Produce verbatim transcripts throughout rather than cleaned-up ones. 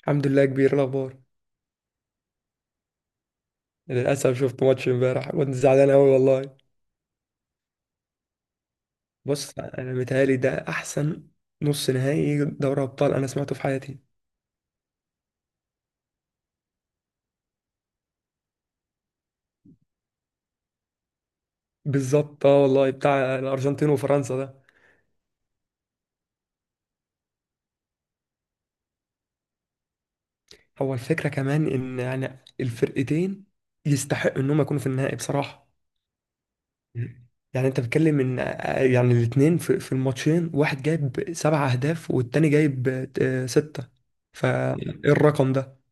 الحمد لله كبير. إيه الاخبار؟ للاسف شفت ماتش امبارح، كنت زعلان قوي والله. بص، انا متهيألي ده احسن نص نهائي دوري ابطال انا سمعته في حياتي. بالظبط، اه والله، بتاع الارجنتين وفرنسا ده. هو الفكره كمان ان يعني الفرقتين يستحقوا انهم يكونوا في النهائي بصراحه. يعني انت بتتكلم ان آه، يعني الاثنين في في الماتشين واحد جايب سبع اهداف والتاني جايب آه، سته. فالرقم ده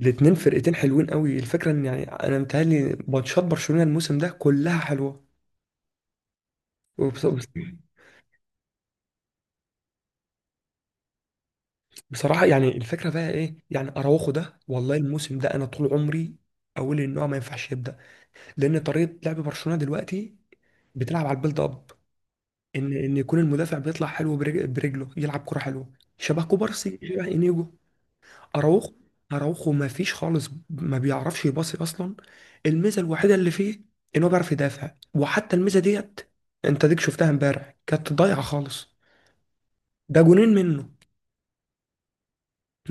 الاتنين فرقتين حلوين قوي. الفكره ان يعني انا متهيألي ماتشات برشلونه الموسم ده كلها حلوه. وبص- بصراحه يعني الفكره بقى ايه؟ يعني اراوخو ده والله الموسم ده، انا طول عمري اقول ان هو ما ينفعش يبدا، لان طريقه لعب برشلونه دلوقتي بتلعب على البيلد اب، ان ان يكون المدافع بيطلع حلو، برج- برجله يلعب كره حلوه شبه كوبارسي شبه انيجو. اراوخو، اراوخو ما فيش خالص، ما بيعرفش يباصي اصلا. الميزه الوحيده اللي فيه ان هو بيعرف يدافع، وحتى الميزه ديت انت ديك شفتها امبارح كانت ضايعه خالص. ده جونين منه،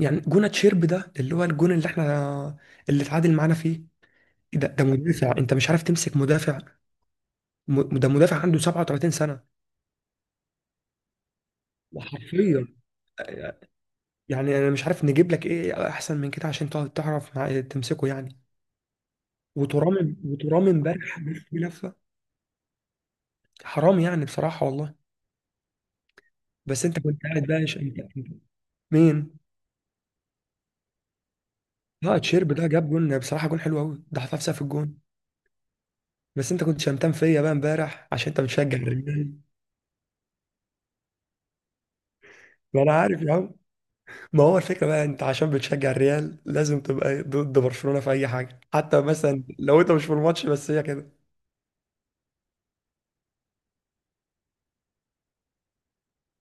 يعني جون تشيرب ده اللي هو الجون اللي احنا، اللي اتعادل معانا فيه. ده ده مدافع انت مش عارف تمسك مدافع. م- ده مدافع عنده سبعة وتلاتين سنه، وحرفيا يعني انا مش عارف نجيب لك ايه احسن من كده عشان تقعد تعرف مع- تمسكه يعني. وترام، وترام امبارح لف لفه، حرام يعني بصراحه والله. بس انت كنت قاعد بقى، ش... انت انت- مين؟ اه، تشيرب ده جاب جون بصراحه، جون حلو قوي، ده حطها في سقف الجون. بس انت كنت شمتان فيا بقى امبارح عشان انت بتشجع الريال. ما انا عارف يا عم. ما هو الفكره بقى انت عشان بتشجع الريال لازم تبقى ضد برشلونه في اي حاجه، حتى مثلا لو انت مش في الماتش بس هي كده.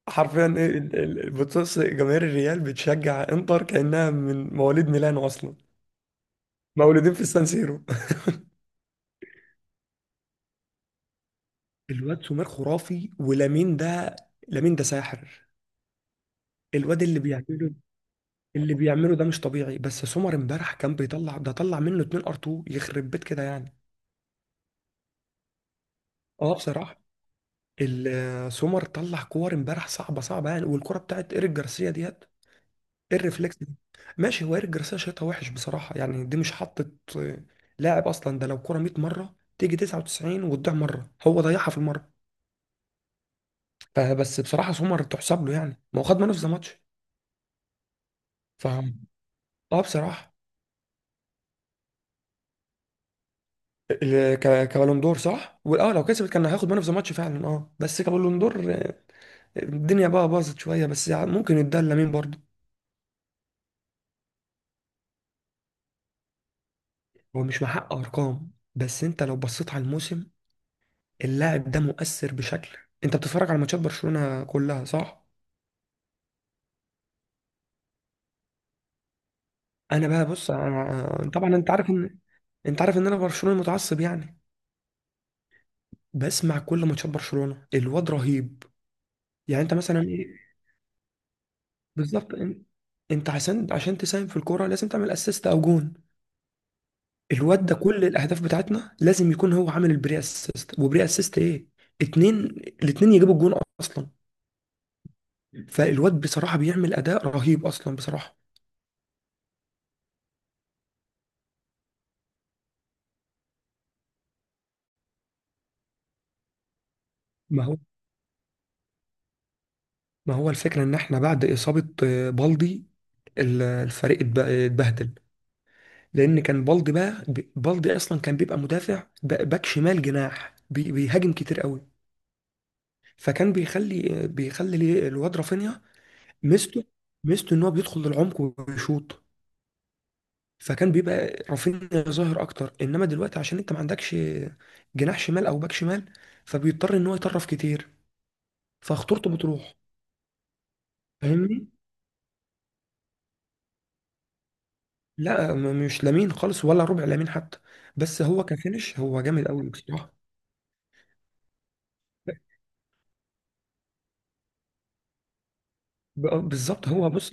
حرفيا، ايه ال- ال- بتص جماهير الريال بتشجع انتر كانها من مواليد ميلانو اصلا، مولودين في السان سيرو. الواد سومير خرافي، ولامين ده، لامين ده ساحر. الواد اللي بيعمله، اللي بيعمله ده مش طبيعي. بس سمر امبارح كان بيطلع، ده طلع منه اتنين ار اتنين، يخرب بيت كده يعني. اه بصراحه، ال- سمر طلع كور امبارح صعبه صعبه يعني، والكره بتاعت ايريك جارسيا ديت، إيه الريفلكس دي؟ ماشي، هو ايريك جارسيا شايطها وحش بصراحه، يعني دي مش حطت آه، لاعب اصلا ده، لو كره مية مره تيجي تسعة وتسعين وتضيع مره، هو ضيعها في المره. فبس بصراحه سمر تحسب له، يعني ما هو خد مان اوف ذا ماتش. ف اه بصراحه. ال- ك- كبالون دور صح؟ واه، لو كسبت كان هياخد مان اوف ذا ماتش فعلا. اه بس كبالون دور الدنيا بقى باظت شوية، بس ممكن يدار لمين برضه. هو مش محقق أرقام، بس أنت لو بصيت على الموسم، اللاعب ده مؤثر بشكل. أنت بتتفرج على ماتشات برشلونة كلها صح؟ أنا بقى، بص، أنا طبعا، أنت عارف إن أنت عارف إن أنا برشلونة متعصب يعني. بسمع كل ماتشات برشلونة، الواد رهيب. يعني أنت مثلا إيه. بالظبط، أن- أنت عشان عشان تساهم في الكورة لازم تعمل أسيست أو جون. الواد ده كل الأهداف بتاعتنا لازم يكون هو عامل البري أسيست. وبري أسيست إيه؟ اتنين الاتنين يجيبوا الجون اصلا. فالواد بصراحة بيعمل أداء رهيب أصلا بصراحة. ما هو ما هو الفكرة إن إحنا بعد إصابة آه، بالدي، ال- الفريق اتب- اتبهدل. لأن كان بالدي بقى، بالدي أصلا كان بيبقى مدافع، ب- باك شمال جناح، بي- بيهاجم كتير قوي، فكان بيخلي آه، بيخلي ليه الواد رافينيا. ميزته ميزته إن هو بيدخل للعمق ويشوط. فكان بيبقى رافينيا ظاهر أكتر، إنما دلوقتي عشان أنت ما عندكش جناح شمال أو باك شمال، فبيضطر إن هو يطرف كتير، فخطورته بتروح. فاهمني؟ لا، م- مش لامين خالص ولا ربع لامين حتى، بس هو كفينش هو جامد قوي بصراحه. ب- بالظبط. هو بص،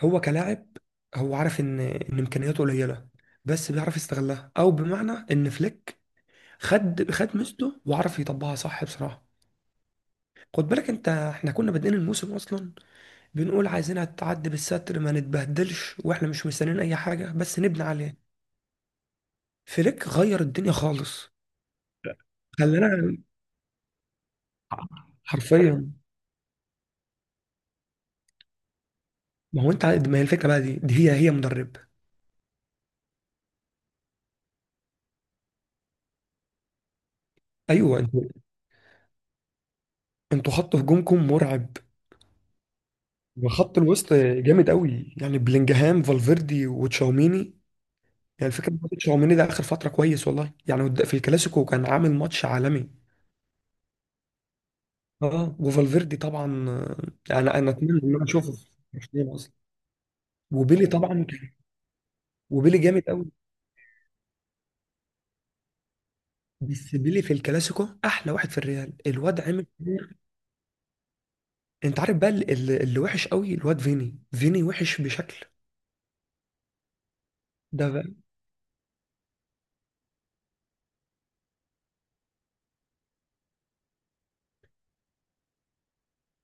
هو كلاعب هو عارف ان ان امكانياته قليله، بس بيعرف يستغلها، او بمعنى ان فليك خد خد ميزته وعرف يطبقها صح بصراحه. خد بالك انت، احنا كنا بادئين الموسم اصلا بنقول عايزينها تعدي بالستر ما نتبهدلش، واحنا مش مستنيين اي حاجه بس نبني عليه. فليك غير الدنيا خالص، خلانا حرفيا. ما هو انت عاد- ما هي الفكره بقى؟ دي دي هي هي مدرب. ايوه، انتوا انتوا خط هجومكم مرعب، وخط الوسط جامد قوي، يعني بلينجهام، فالفيردي، وتشاوميني. يعني الفكره برضه تشاوميني ده اخر فتره كويس والله، يعني قد- في الكلاسيكو كان عامل ماتش عالمي. اه، وفالفيردي طبعا آه، انا انا اتمنى ان انا اشوفه في برشلونه اصلا. وبيلي طبعا، وبيلي جامد قوي. بس بيلي في الكلاسيكو احلى واحد في الريال، الواد عامل. انت عارف بقى، اللي, اللي وحش قوي الواد فيني، فيني وحش بشكل. ده بقى،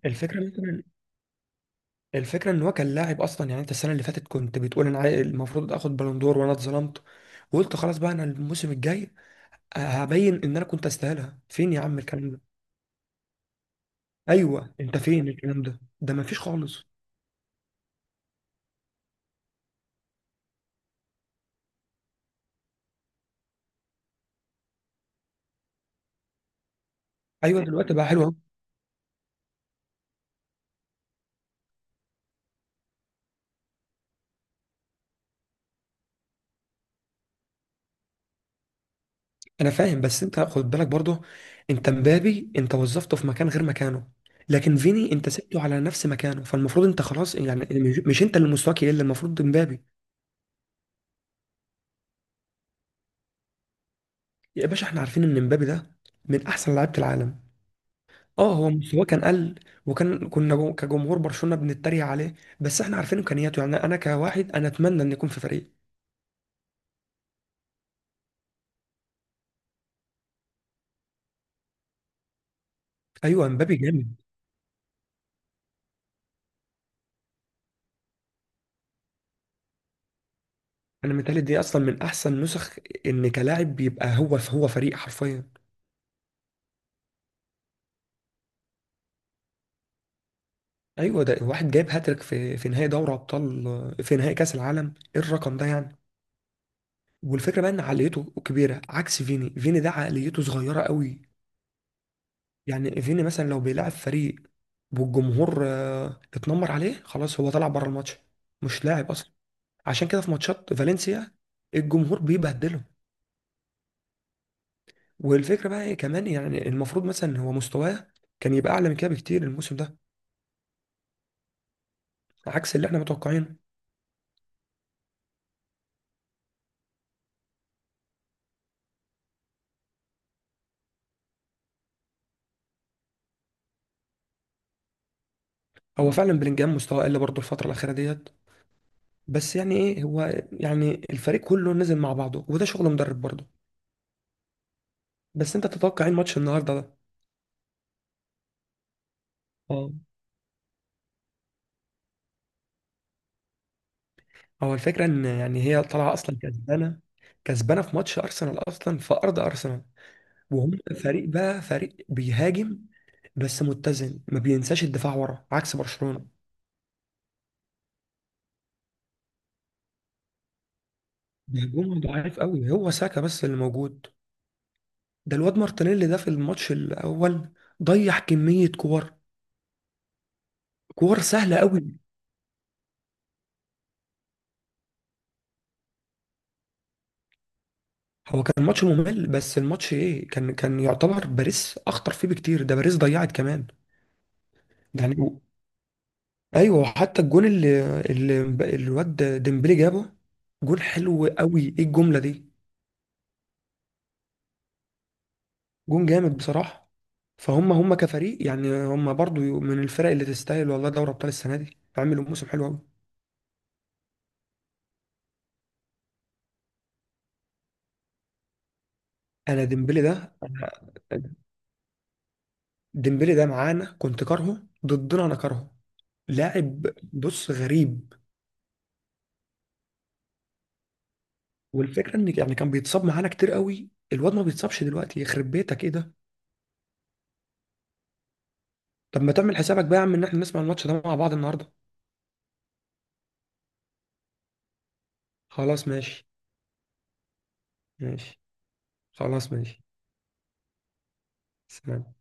الفكرة مثلا الفكرة ان هو كان لاعب اصلا، يعني انت السنة اللي فاتت كنت بتقول انا عاي- المفروض اخد بالندور وانا اتظلمت، وقلت خلاص بقى انا الموسم الجاي هبين ان انا كنت استاهلها. فين يا عم الكلام ده؟ ايوه، انت فين الكلام ده؟ ده مفيش خالص. ايوه دلوقتي بقى حلو أهو. انا فاهم، بس انت خد بالك برضه، انت مبابي انت وظفته في مكان غير مكانه، لكن فيني انت سبته على نفس مكانه، فالمفروض انت خلاص يعني مش مش انت اللي مستواك يقل، المفروض مبابي. يا باشا، احنا عارفين ان مبابي ده من احسن لعيبة العالم. اه، هو مستواه كان قل، وكان كنا جو- كجمهور برشلونه بنتريق عليه، بس احنا عارفين امكانياته، يعني انا كواحد انا اتمنى ان يكون في فريق. ايوه مبابي جامد. انا متهيألي دي اصلا من احسن نسخ، ان كلاعب بيبقى هو في هو فريق حرفيا. ايوه، ده واحد جايب هاتريك في في نهائي دوري ابطال، في نهائي كاس العالم، ايه الرقم ده يعني؟ والفكره بقى ان عقليته كبيره عكس فيني. فيني ده عقليته صغيره قوي. يعني فيني مثلا لو بيلعب فريق والجمهور آه، اتنمر عليه، خلاص هو طلع بره الماتش، مش لاعب اصلا. عشان كده في ماتشات فالنسيا الجمهور بيبهدلهم. والفكره بقى ايه كمان، يعني المفروض مثلا هو مستواه كان يبقى اعلى من كده بكتير الموسم ده، عكس اللي احنا متوقعينه. هو فعلا بلينجهام مستواه قل برضه الفتره الاخيره ديت، بس يعني ايه، هو يعني الفريق كله نزل مع بعضه وده شغل مدرب برضه. بس انت تتوقع ايه الماتش النهارده ده؟ اه، هو الفكره ان يعني هي طالعه اصلا كسبانه، كسبانه في ماتش ارسنال اصلا في ارض ارسنال. وهم فريق بقى، فريق بيهاجم بس متزن، ما بينساش الدفاع ورا عكس برشلونة. هجومه ضعيف قوي، هو ساكا بس اللي موجود. ده الواد مارتينيلي ده في الماتش الاول ضيع كمية كور، كور سهلة قوي. هو كان ماتش ممل، بس الماتش ايه، كان كان يعتبر باريس اخطر فيه بكتير، ده باريس ضيعت كمان ده يعني. ايوه، حتى الجون اللي اللي الواد ديمبلي جابه، جون حلو قوي، ايه الجملة دي؟ جون جامد بصراحة. فهم هم كفريق، يعني هم برضو من الفرق اللي تستاهل والله، دوري ابطال السنة دي عملوا موسم حلو قوي. انا ديمبلي ده، أنا ديمبلي ده معانا كنت كارهه، ضدنا انا كارهه لاعب، بص غريب. والفكرة ان يعني كان بيتصاب معانا كتير قوي، الواد ما بيتصابش دلوقتي، يخرب بيتك ايه ده. طب ما تعمل حسابك بقى يا عم ان احنا نسمع الماتش ده مع بعض النهارده. خلاص ماشي، ماشي. خلاص ماشي. سلام.